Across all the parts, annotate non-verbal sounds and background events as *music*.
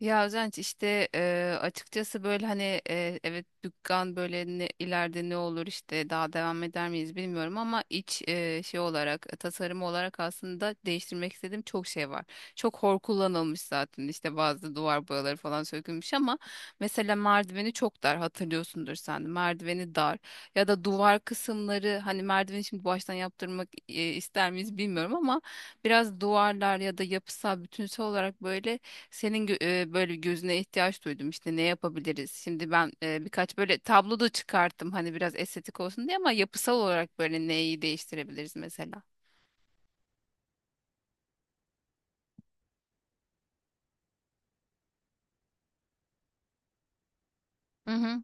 Ya Özenç işte açıkçası böyle hani evet dükkan böyle ne, ileride ne olur işte daha devam eder miyiz bilmiyorum ama şey olarak tasarım olarak aslında değiştirmek istediğim çok şey var. Çok hor kullanılmış zaten işte bazı duvar boyaları falan sökülmüş ama mesela merdiveni çok dar, hatırlıyorsundur sen de merdiveni dar ya da duvar kısımları. Hani merdiveni şimdi baştan yaptırmak ister miyiz bilmiyorum ama biraz duvarlar ya da yapısal bütünsel olarak böyle böyle gözüne ihtiyaç duydum işte, ne yapabiliriz? Şimdi ben birkaç böyle tablo da çıkarttım hani biraz estetik olsun diye, ama yapısal olarak böyle neyi değiştirebiliriz mesela? Hı hı.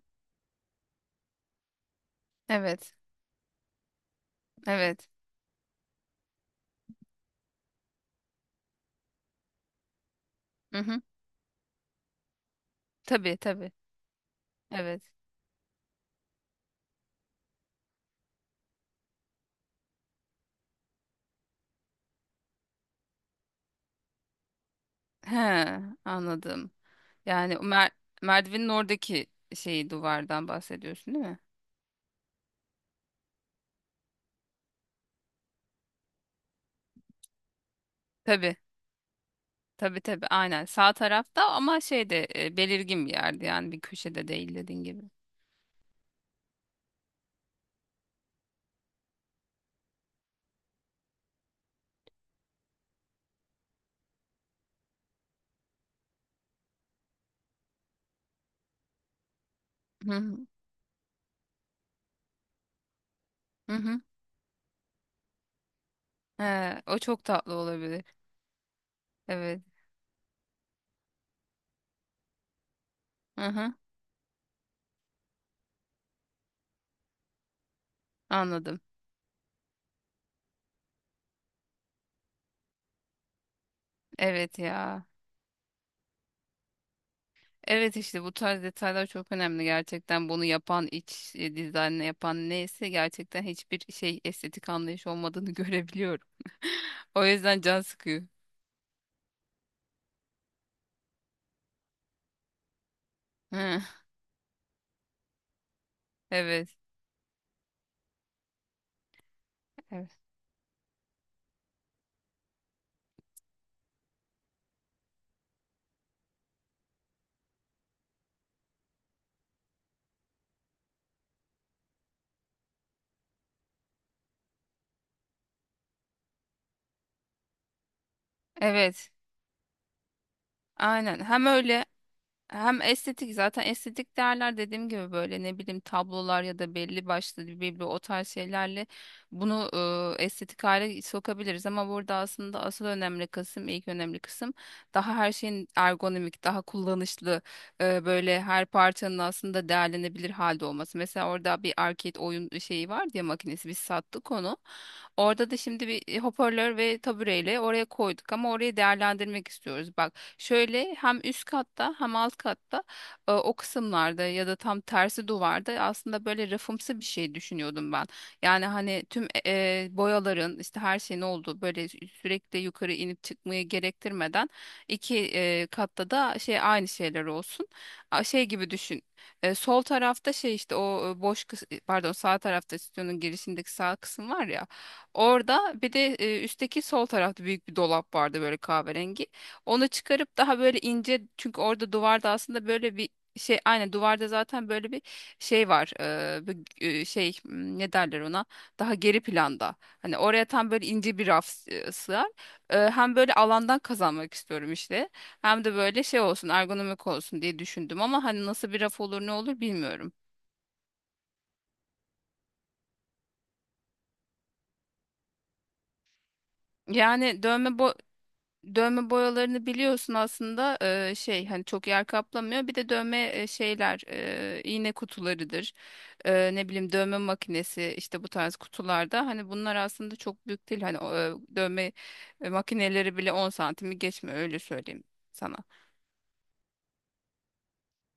Evet. Evet. Hı hı. Tabii tabii. Evet. He, anladım. Yani o mer merdivenin oradaki şeyi, duvardan bahsediyorsun değil mi? Tabii. Tabii tabii, aynen sağ tarafta, ama şeyde belirgin bir yerde, yani bir köşede değil, dediğin gibi. Hı hı. Hı hı. He, o çok tatlı olabilir. Evet. Hı hı. Anladım. Evet ya. Evet, işte bu tarz detaylar çok önemli gerçekten. Bunu yapan dizaynı yapan neyse, gerçekten hiçbir şey estetik anlayış olmadığını *laughs* görebiliyorum. *laughs* O yüzden can sıkıyor. Hı. Evet. Evet. Evet. Aynen. Hem öyle, hem estetik. Zaten estetik değerler dediğim gibi böyle, ne bileyim, tablolar ya da belli başlı birbiri o tarz şeylerle bunu estetik hale sokabiliriz, ama burada aslında asıl önemli kısım, ilk önemli kısım daha her şeyin ergonomik, daha kullanışlı, böyle her parçanın aslında değerlenebilir halde olması. Mesela orada bir arcade oyun şeyi var ya, makinesi, biz sattık onu. Orada da şimdi bir hoparlör ve tabureyle oraya koyduk, ama orayı değerlendirmek istiyoruz. Bak, şöyle hem üst katta hem alt katta o kısımlarda, ya da tam tersi duvarda, aslında böyle rafımsı bir şey düşünüyordum ben. Yani hani tüm boyaların, işte her şeyin olduğu, böyle sürekli yukarı inip çıkmayı gerektirmeden, iki katta da şey aynı şeyler olsun. A, şey gibi düşün. Sol tarafta şey, işte o pardon, sağ tarafta stüdyonun girişindeki sağ kısım var ya. Orada bir de üstteki sol tarafta büyük bir dolap vardı böyle kahverengi. Onu çıkarıp daha böyle ince, çünkü orada duvarda aslında böyle bir şey, aynen duvarda zaten böyle bir şey var, bu, ne derler ona, daha geri planda, hani oraya tam böyle ince bir sığar. Hem böyle alandan kazanmak istiyorum işte, hem de böyle şey olsun, ergonomik olsun diye düşündüm, ama hani nasıl bir raf olur ne olur bilmiyorum. Yani dövme boyalarını biliyorsun aslında, şey, hani çok yer kaplamıyor. Bir de dövme şeyler, iğne kutularıdır. Ne bileyim, dövme makinesi işte bu tarz kutularda, hani bunlar aslında çok büyük değil. Hani dövme makineleri bile 10 santimi geçmiyor, öyle söyleyeyim sana,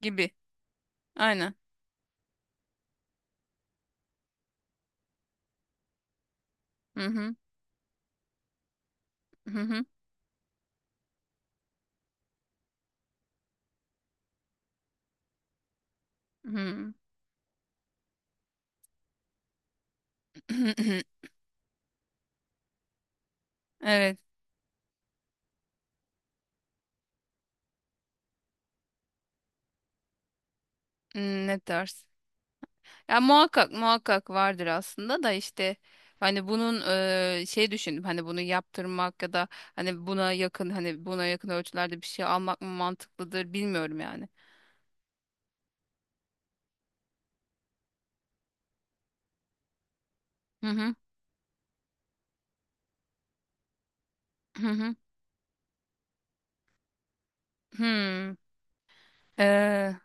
gibi. Aynen. Hı. Hı hı. Hı hı. *clears throat* Evet. Ne dersin? Ya muhakkak muhakkak vardır aslında, da işte hani bunun şey düşündüm, hani bunu yaptırmak ya da hani buna yakın, hani buna yakın ölçülerde bir şey almak mı mantıklıdır, bilmiyorum yani. Hı hı hı hı. Hmm. Eee,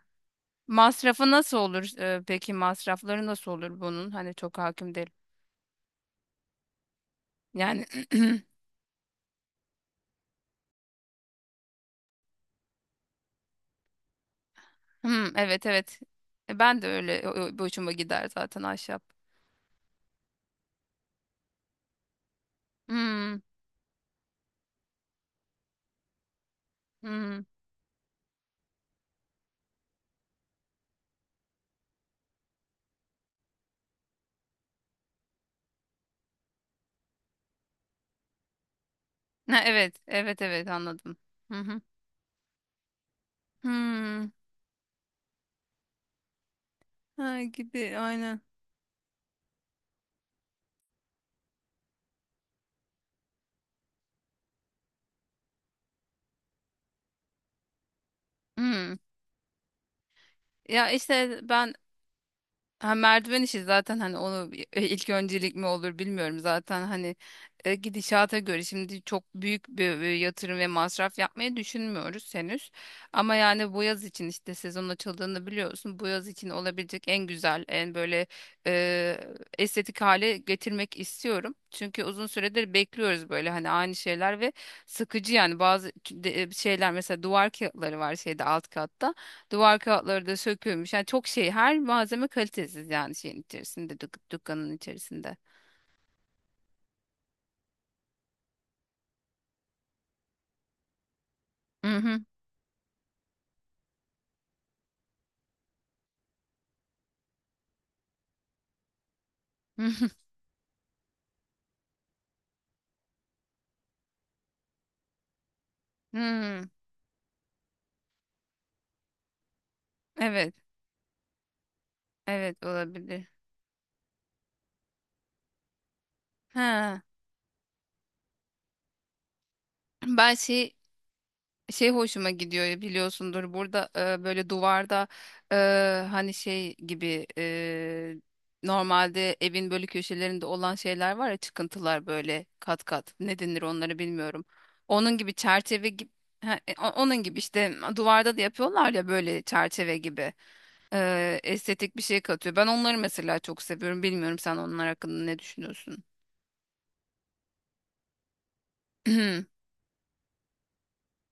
masrafı nasıl olur? Peki masrafları nasıl olur bunun? Hani çok hakim değilim. Yani *clears throat* evet evet. Ben de öyle boşuma gider zaten ahşap. Hmm. Hmm. Ha, evet evet evet, anladım. Hı hı. Hmm. Ha, gibi aynen. Hmm. Ya işte ben, ha, merdiven işi, zaten hani onu ilk öncelik mi olur bilmiyorum, zaten hani gidişata göre şimdi çok büyük bir yatırım ve masraf yapmayı düşünmüyoruz henüz. Ama yani bu yaz için işte, sezon açıldığını biliyorsun. Bu yaz için olabilecek en güzel, en böyle e, estetik hale getirmek istiyorum. Çünkü uzun süredir bekliyoruz böyle, hani aynı şeyler, ve sıkıcı yani. Bazı şeyler, mesela duvar kağıtları var şeyde, alt katta. Duvar kağıtları da sökülmüş. Yani çok şey, her malzeme kalitesiz yani şeyin içerisinde, dükkanın içerisinde. Hı hı. *laughs* Hı. Hmm. Evet. Evet, olabilir. Ha. Ben şey hoşuma gidiyor, biliyorsundur burada böyle duvarda hani şey gibi, normalde evin böyle köşelerinde olan şeyler var ya, çıkıntılar, böyle kat kat, ne denir onları bilmiyorum. Onun gibi çerçeve gibi. Ha, onun gibi işte duvarda da yapıyorlar ya, böyle çerçeve gibi. Estetik bir şey katıyor. Ben onları mesela çok seviyorum. Bilmiyorum, sen onlar hakkında ne düşünüyorsun? *clears throat*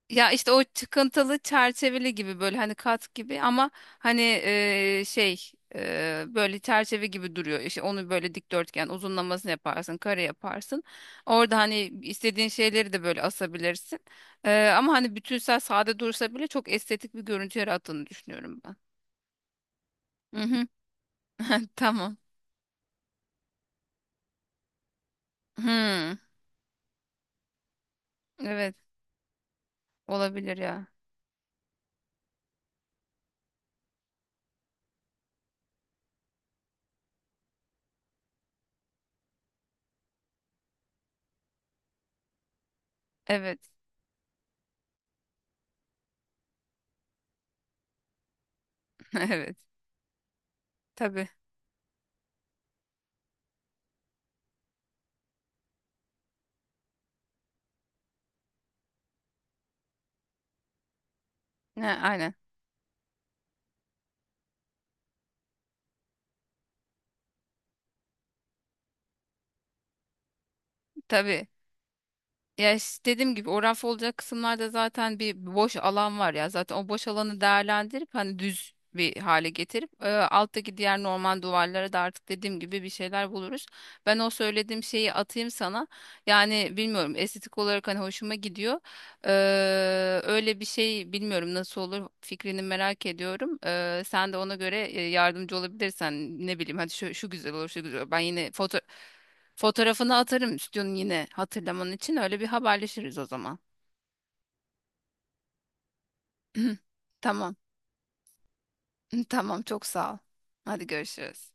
Ya işte, o çıkıntılı çerçeveli gibi, böyle hani kat gibi, ama hani şey, böyle çerçeve gibi duruyor. İşte onu böyle dikdörtgen uzunlamasını yaparsın, kare yaparsın. Orada hani istediğin şeyleri de böyle asabilirsin. Ama hani bütünsel sade dursa bile çok estetik bir görüntü yarattığını düşünüyorum ben. Mhm. *laughs* Tamam. Hmm. Evet, olabilir ya. Evet. *laughs* Evet. Tabii. Ne, aynen. Tabii. Ya işte, dediğim gibi o raf olacak kısımlarda zaten bir boş alan var ya. Zaten o boş alanı değerlendirip hani düz bir hale getirip, alttaki diğer normal duvarlara da artık dediğim gibi bir şeyler buluruz. Ben o söylediğim şeyi atayım sana. Yani bilmiyorum, estetik olarak hani hoşuma gidiyor. Öyle bir şey bilmiyorum nasıl olur, fikrini merak ediyorum. Sen de ona göre yardımcı olabilirsen, ne bileyim, hadi şu güzel olur şu güzel olur. Ben yine fotoğrafını atarım stüdyonun, yine hatırlaman için. Öyle bir haberleşiriz o zaman. *clears throat* Tamam. *clears throat* Tamam, çok sağ ol. Hadi görüşürüz.